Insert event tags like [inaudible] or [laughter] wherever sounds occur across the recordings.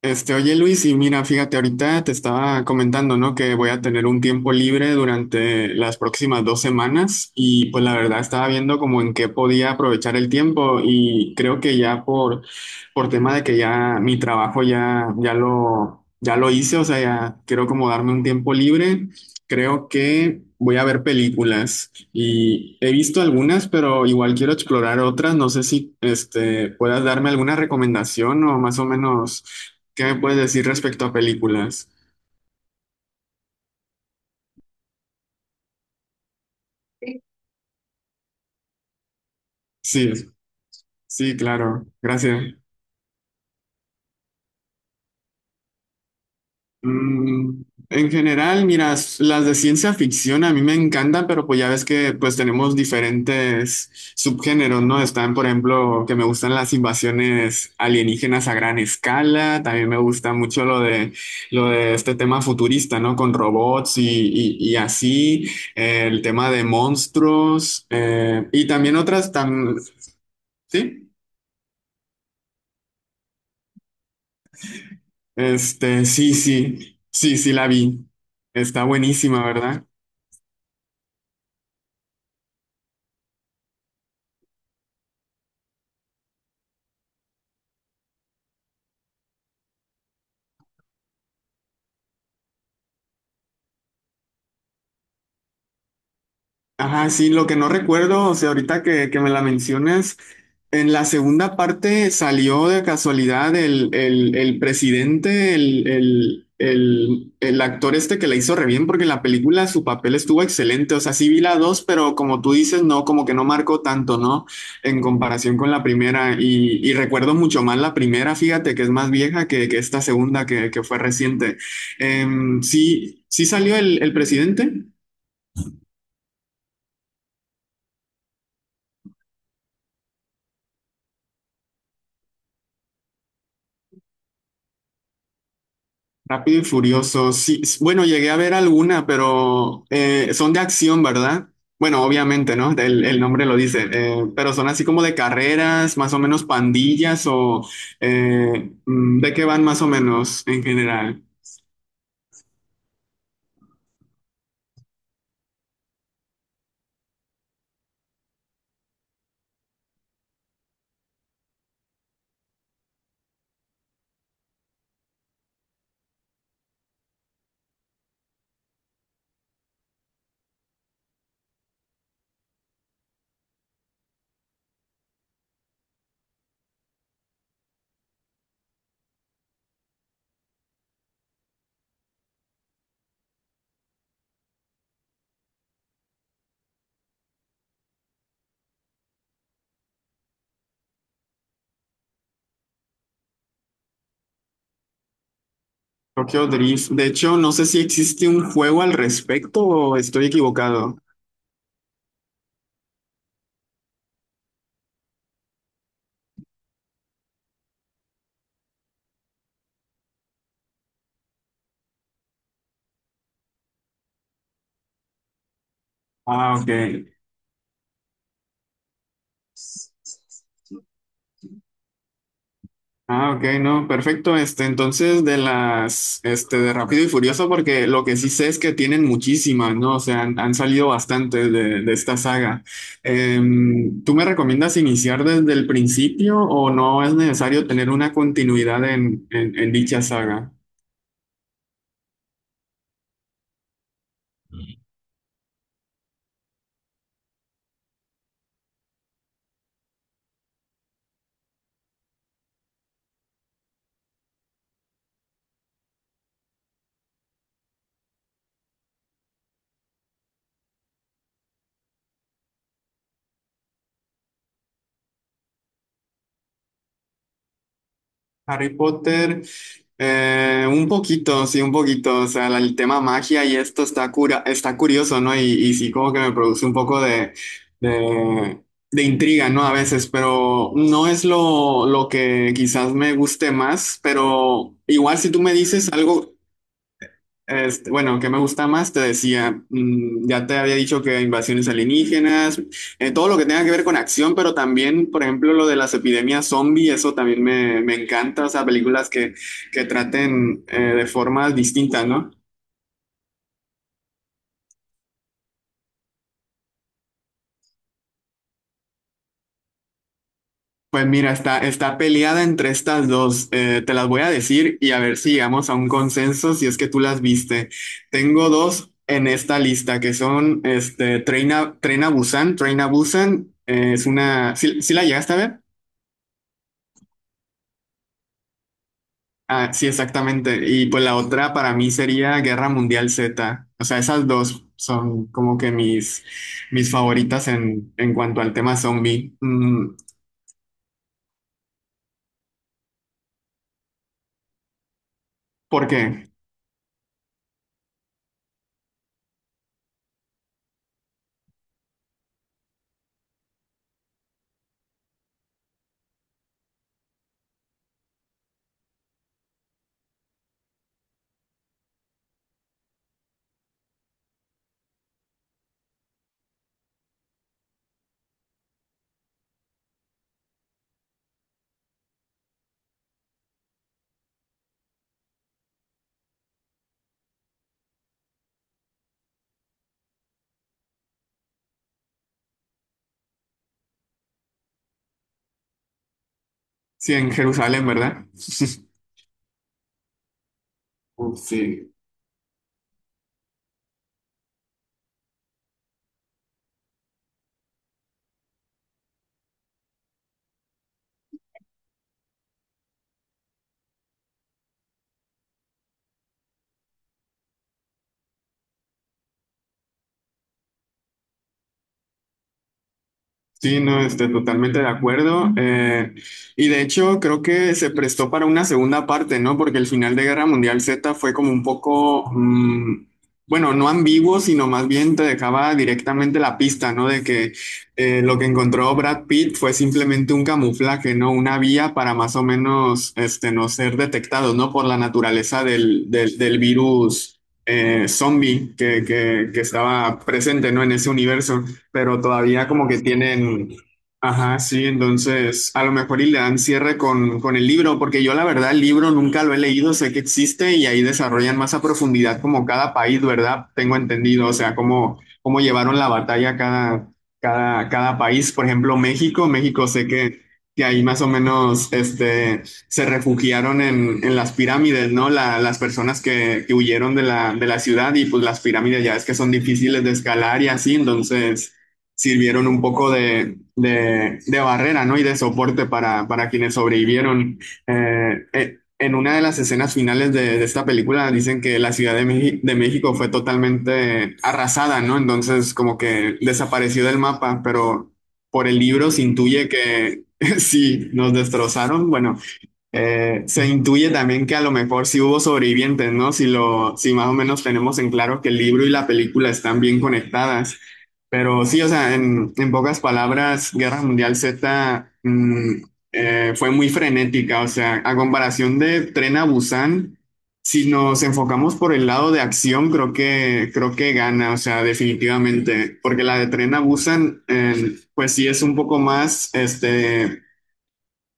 Oye Luis, y mira, fíjate, ahorita te estaba comentando, ¿no? Que voy a tener un tiempo libre durante las próximas dos semanas y pues la verdad estaba viendo como en qué podía aprovechar el tiempo y creo que ya por tema de que ya mi trabajo ya lo hice, o sea, ya quiero como darme un tiempo libre, creo que voy a ver películas y he visto algunas, pero igual quiero explorar otras, no sé si puedas darme alguna recomendación o más o menos. ¿Qué me puedes decir respecto a películas? Sí, sí, claro, gracias. Mm, en general, mira, las de ciencia ficción a mí me encantan, pero pues ya ves que pues tenemos diferentes subgéneros, ¿no? Están, por ejemplo, que me gustan las invasiones alienígenas a gran escala, también me gusta mucho lo de este tema futurista, ¿no? Con robots y así, el tema de monstruos, y también otras tan... ¿Sí? Este, sí, sí, sí, sí la vi. Está buenísima, ¿verdad? Ajá, sí, lo que no recuerdo, o sea, ahorita que me la mencionas, en la segunda parte salió de casualidad el presidente, el actor este que la hizo re bien, porque en la película su papel estuvo excelente, o sea, sí vi la dos, pero como tú dices, no, como que no marcó tanto, ¿no? En comparación con la primera, y recuerdo mucho más la primera, fíjate, que es más vieja que esta segunda que fue reciente. Sí, sí salió el presidente. Rápido y Furioso, sí. Bueno, llegué a ver alguna, pero son de acción, ¿verdad? Bueno, obviamente, ¿no? El nombre lo dice, pero son así como de carreras, más o menos pandillas o ¿de qué van más o menos en general? Tokyo Drift. De hecho, no sé si existe un juego al respecto o estoy equivocado. Ah, ok. Ah, ok, no, perfecto. Entonces de de Rápido y Furioso, porque lo que sí sé es que tienen muchísimas, ¿no? O sea, han salido bastantes de esta saga. ¿Tú me recomiendas iniciar desde el principio o no es necesario tener una continuidad en dicha saga? Harry Potter, eh, un poquito, sí, un poquito. O sea, el tema magia y esto está cura, está curioso, ¿no? Y sí, como que me produce un poco de, de intriga, ¿no? A veces, pero no es lo que quizás me guste más, pero igual si tú me dices algo, bueno, ¿qué me gusta más? Te decía, mm, ya te había dicho que invasiones alienígenas, todo lo que tenga que ver con acción, pero también, por ejemplo, lo de las epidemias zombie, eso también me encanta, o sea, películas que traten de formas distintas, ¿no? Pues mira, está peleada entre estas dos, te las voy a decir y a ver si llegamos a un consenso, si es que tú las viste. Tengo dos en esta lista que son Tren a Busan, Train a Busan, es una, ¿sí, sí la llegaste a ver? Ah, sí, exactamente. Y pues la otra para mí sería Guerra Mundial Z. O sea, esas dos son como que mis, mis favoritas en cuanto al tema zombie. Mm, ¿por qué? Sí, en Jerusalén, ¿verdad? [laughs] Uf, sí. Sí, no, estoy totalmente de acuerdo. Y de hecho, creo que se prestó para una segunda parte, ¿no? Porque el final de Guerra Mundial Z fue como un poco, mm, bueno, no ambiguo, sino más bien te dejaba directamente la pista, ¿no? De que lo que encontró Brad Pitt fue simplemente un camuflaje, ¿no? Una vía para más o menos, no ser detectados, ¿no? Por la naturaleza del virus. Zombie que estaba presente, ¿no? En ese universo, pero todavía como que tienen, ajá, sí, entonces a lo mejor y le dan cierre con el libro, porque yo la verdad el libro nunca lo he leído, sé que existe y ahí desarrollan más a profundidad como cada país, ¿verdad? Tengo entendido, o sea, cómo, cómo llevaron la batalla cada país, por ejemplo, México, México sé que ahí más o menos se refugiaron en las pirámides, ¿no? Las personas que huyeron de la ciudad, y pues las pirámides ya es que son difíciles de escalar y así, entonces sirvieron un poco de barrera, ¿no? Y de soporte para quienes sobrevivieron. En una de las escenas finales de esta película dicen que la Ciudad de, de México fue totalmente arrasada, ¿no? Entonces como que desapareció del mapa, pero por el libro se intuye que [laughs] sí, nos destrozaron. Bueno, se intuye también que a lo mejor sí hubo sobrevivientes, ¿no? Si más o menos tenemos en claro que el libro y la película están bien conectadas. Pero sí, o sea, en pocas palabras, Guerra Mundial Z, mm, fue muy frenética. O sea, a comparación de Tren a Busan, si nos enfocamos por el lado de acción, creo que gana, o sea, definitivamente. Porque la de Tren a Busan, pues sí es un poco más,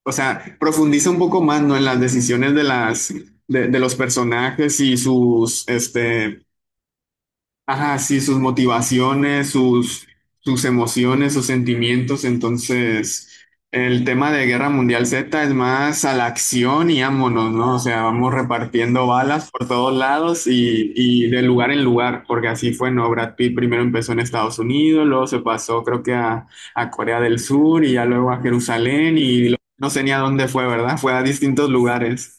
o sea, profundiza un poco más, ¿no? En las decisiones de los personajes y sus, ajá, sí, sus motivaciones, sus, sus emociones, sus sentimientos. Entonces, el tema de Guerra Mundial Z es más a la acción y ámonos, ¿no? O sea, vamos repartiendo balas por todos lados y de lugar en lugar, porque así fue, ¿no? Brad Pitt primero empezó en Estados Unidos, luego se pasó, creo que a Corea del Sur y ya luego a Jerusalén y no sé ni a dónde fue, ¿verdad? Fue a distintos lugares.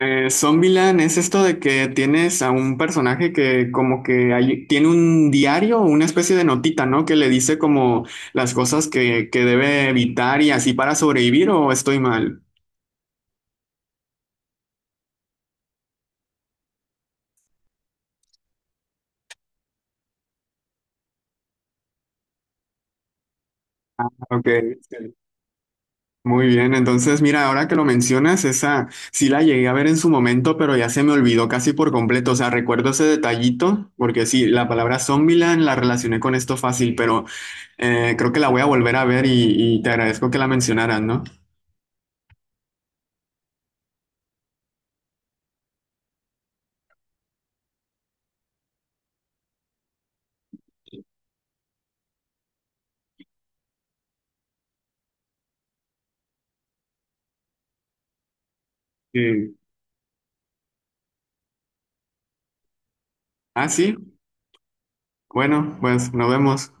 Zombieland es esto de que tienes a un personaje que como que tiene un diario, una especie de notita, ¿no? Que le dice como las cosas que debe evitar y así para sobrevivir, o estoy mal. Ok, sí. Muy bien. Entonces, mira, ahora que lo mencionas, esa sí la llegué a ver en su momento, pero ya se me olvidó casi por completo. O sea, recuerdo ese detallito, porque sí, la palabra Zombieland la relacioné con esto fácil, pero creo que la voy a volver a ver, y te agradezco que la mencionaras, ¿no? Sí. Ah, sí. Bueno, pues nos vemos.